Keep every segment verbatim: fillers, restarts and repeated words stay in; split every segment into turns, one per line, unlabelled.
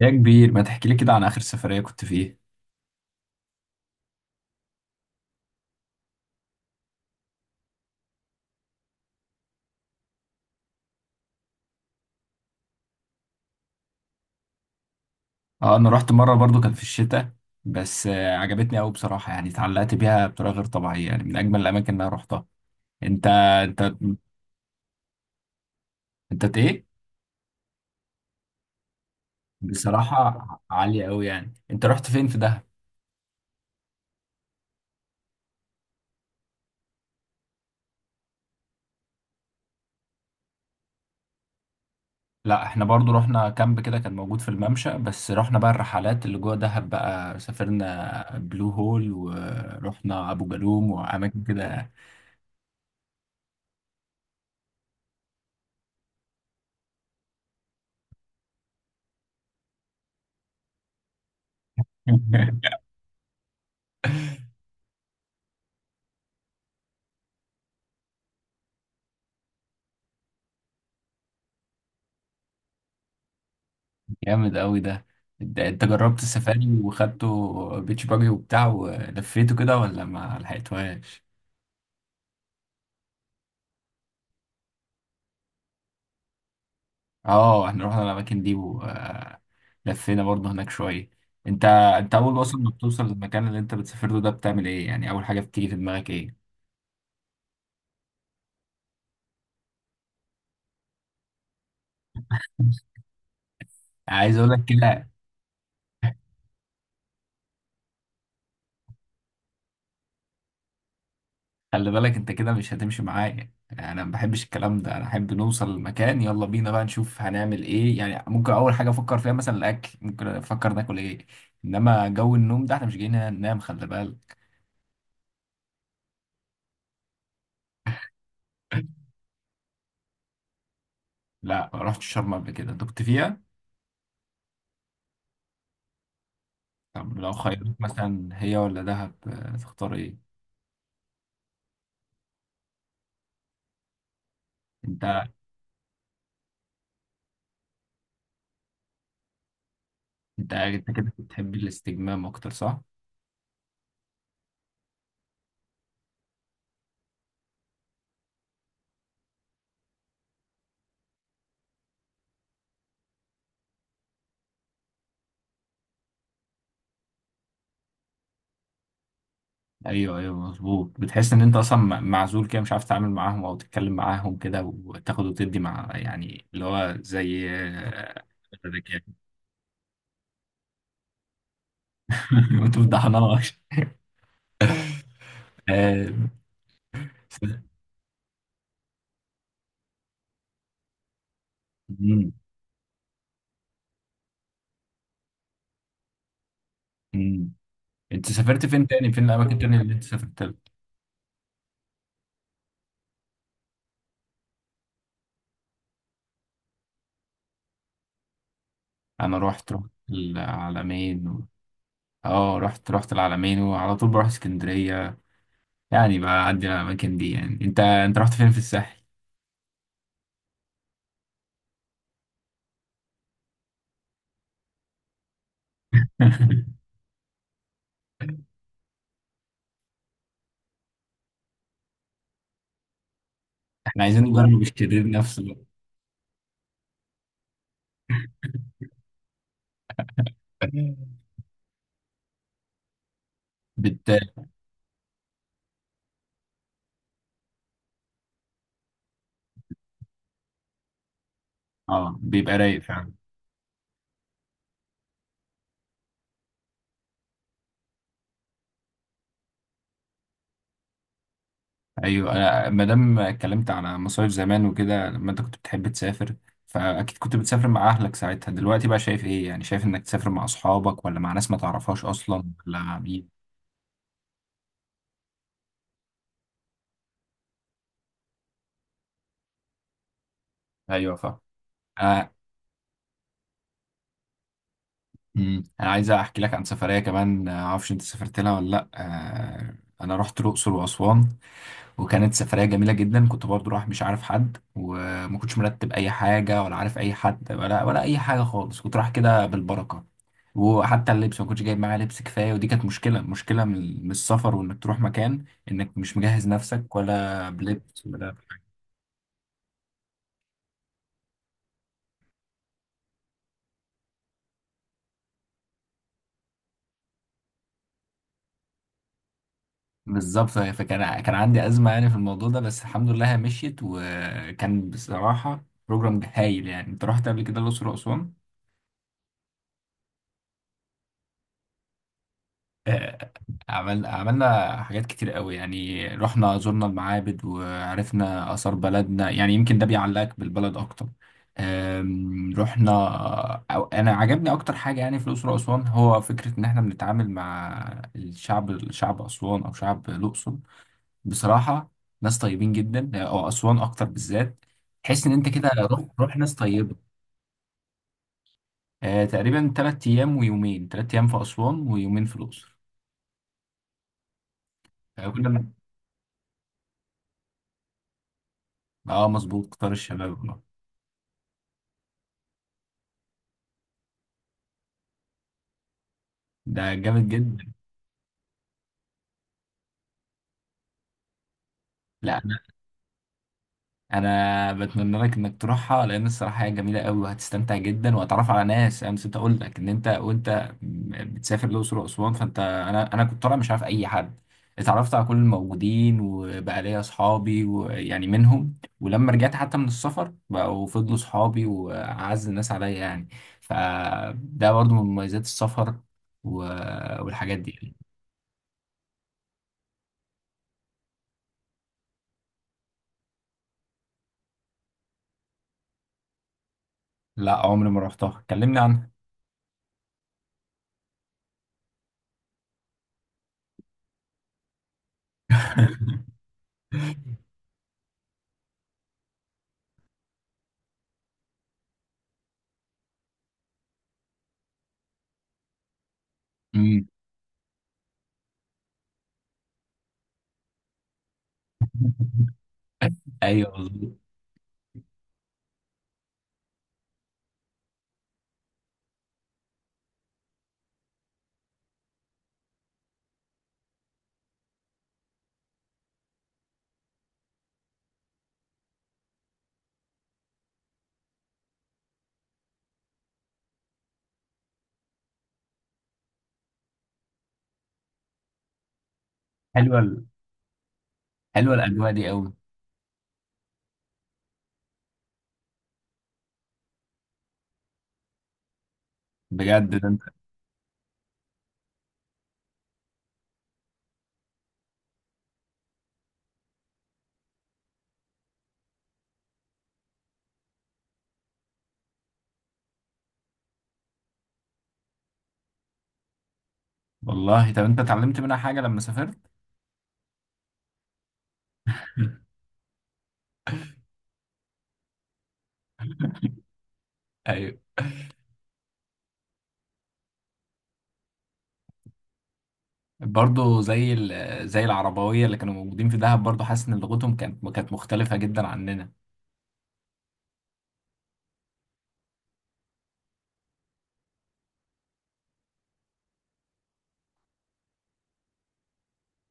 يا كبير، ما تحكي لي كده عن آخر سفرية كنت فيه؟ اه، انا رحت مرة برضو كان في الشتاء. بس آه، عجبتني قوي بصراحة، يعني اتعلقت بيها بطريقة غير طبيعية، يعني من اجمل الاماكن اللي انا رحتها. انت انت انت ايه؟ بصراحة عالية قوي. يعني انت رحت فين في دهب؟ لا، احنا برضو رحنا كامب كده، كان موجود في الممشى، بس رحنا بقى الرحلات اللي جوه دهب، بقى سافرنا بلو هول ورحنا ابو جالوم واماكن كده. جامد قوي ده. انت انت جربت السفاري وخدته بيتش باجي وبتاع ولفيته كده ولا ما لحقتوهاش؟ اه، احنا رحنا الاماكن دي ولفينا برضه هناك شويه. انت انت اول اصلا ما بتوصل للمكان اللي انت بتسافر له ده بتعمل ايه؟ يعني اول حاجه بتيجي في دماغك ايه؟ عايز اقول لك كده، خلي بالك انت كده مش هتمشي معايا. يعني انا ما بحبش الكلام ده، انا احب نوصل المكان، يلا بينا بقى نشوف هنعمل ايه، يعني ممكن اول حاجه افكر فيها مثلا الاكل، ممكن افكر ناكل ايه. انما جو النوم ده احنا مش جايين هنا ننام، خلي بالك. لا، ما رحتش شرم قبل كده، انت كنت فيها. طب لو خيروك مثلا هي ولا دهب، آه، تختار ايه؟ انت انت انت كده بتحب الاستجمام اكتر، صح؟ ايوه، ايوه، مظبوط. بتحس ان انت اصلا م- معزول كده، مش عارف تتعامل معاهم او تتكلم معاهم كده وتاخد وتدي مع، يعني اللي هو زي آه، الرجاله. انتوا بتضحنوا. انت سافرت فين تاني، فين الاماكن تاني اللي انت سافرت لها؟ انا رحت رحت العلمين و... اه، رحت رحت العلمين وعلى طول بروح اسكندريه. يعني بعدي على الاماكن دي. يعني انت انت رحت فين في الساحل؟ احنا عايزين نجرب الشرير نفسه بقى. بت اه، بيبقى رايق فعلا. ايوه، أنا ما دام اتكلمت على مصايف زمان وكده لما انت كنت بتحب تسافر، فاكيد كنت بتسافر مع اهلك ساعتها. دلوقتي بقى شايف ايه؟ يعني شايف انك تسافر مع اصحابك ولا مع ناس ما تعرفهاش اصلا ولا مع مين؟ ايوه، فاهم. آه. أمم. انا عايز احكي لك عن سفريه كمان، آه، معرفش انت سافرت لها ولا لا. آه. انا رحت الاقصر واسوان، وكانت سفرية جميلة جدا، كنت برضو رايح مش عارف حد، وما كنتش مرتب أي حاجة ولا عارف أي حد ولا ولا أي حاجة خالص، كنت رايح كده بالبركة. وحتى اللبس ما كنتش جايب معايا لبس كفاية، ودي كانت مشكلة مشكلة من من السفر، وإنك تروح مكان إنك مش مجهز نفسك ولا بلبس ولا بالظبط، فكان كان عندي أزمة يعني في الموضوع ده، بس الحمد لله هي مشيت، وكان بصراحة بروجرام هايل. يعني أنت رحت قبل كده الأقصر وأسوان؟ آه، عمل عملنا حاجات كتير قوي، يعني رحنا زرنا المعابد وعرفنا آثار بلدنا، يعني يمكن ده بيعلقك بالبلد أكتر. آم، رحنا، أو أنا عجبني أكتر حاجة يعني في الأقصر وأسوان هو فكرة إن إحنا بنتعامل مع الشعب الشعب أسوان أو شعب الأقصر. بصراحة ناس طيبين جدا، أو أسوان أكتر بالذات. تحس إن أنت كده روح روح ناس طيبة. آه، تقريبا تلات أيام ويومين، تلات أيام في أسوان ويومين في الأقصر. آه، كنا اه، مظبوط، قطار الشباب والله. ده جامد جدا. لا، انا انا بتمنى لك انك تروحها، لان الصراحه هي جميله قوي وهتستمتع جدا وهتعرف على ناس. انا نسيت اقول لك ان انت وانت م- بتسافر الاقصر واسوان، فانت انا انا كنت طالع مش عارف اي حد، اتعرفت على كل الموجودين وبقى ليا اصحابي ويعني منهم، ولما رجعت حتى من السفر بقوا فضلوا صحابي واعز الناس عليا يعني. فده برضو من مميزات السفر و- والحاجات دي. لا، عمري ما رحتها، كلمني عنها. مم. ايوه، مظبوط. حلوه ال- حلوه الاجواء دي قوي. بجد ده انت، والله. طب انت اتعلمت منها حاجه لما سافرت؟ ايوه، برضه زي ال- زي العربويه اللي كانوا موجودين في دهب، برضه حاسس ان لغتهم كانت كانت مختلفه جدا عننا.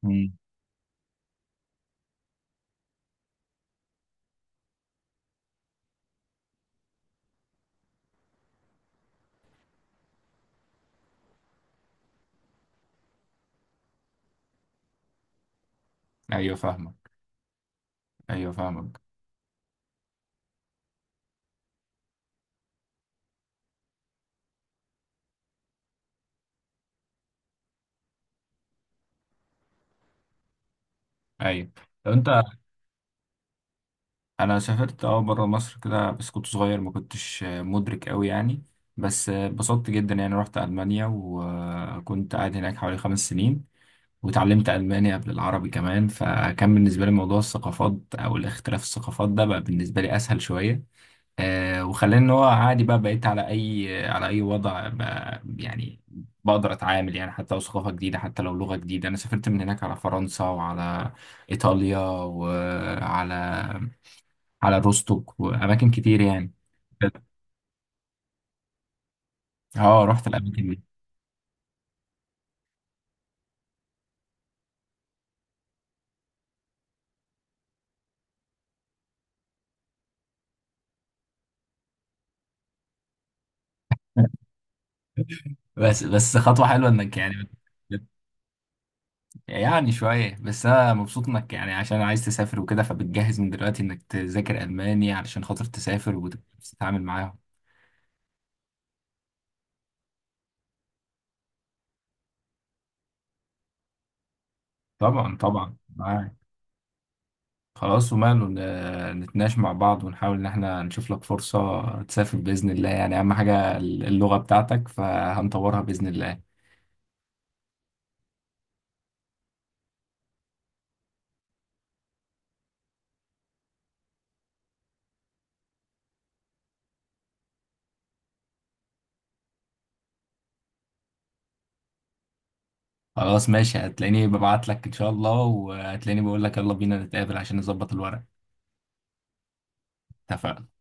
مم. ايوه، فاهمك. ايوه، فاهمك. ايوه، لو انت انا سافرت اه بره مصر كده، بس كنت صغير ما كنتش مدرك قوي يعني. بس اتبسطت جدا يعني، رحت المانيا وكنت قاعد هناك حوالي خمس سنين، واتعلمت ألماني قبل العربي كمان. فكان بالنسبة لي موضوع الثقافات أو الاختلاف الثقافات ده بقى بالنسبة لي أسهل شوية. آه وخلاني إن هو عادي بقى، بقيت على أي على أي وضع بقى يعني، بقدر أتعامل، يعني حتى لو ثقافة جديدة حتى لو لغة جديدة. أنا سافرت من هناك على فرنسا وعلى إيطاليا وعلى على روستوك وأماكن كتير يعني. اه، رحت الأماكن دي. بس بس خطوة حلوة إنك يعني. يعني شوية، بس أنا مبسوط إنك يعني عشان عايز تسافر وكده، فبتجهز من دلوقتي إنك تذاكر ألماني علشان خاطر تسافر وتتعامل معاهم. طبعا، طبعا، معاك. خلاص وماله، ن- نتناقش مع بعض ونحاول إن إحنا نشوف لك فرصة تسافر بإذن الله، يعني أهم حاجة اللغة بتاعتك فهنطورها بإذن الله. خلاص ماشي، هتلاقيني ببعت لك إن شاء الله، وهتلاقيني بقول لك يلا بينا نتقابل عشان نظبط الورق. اتفقنا.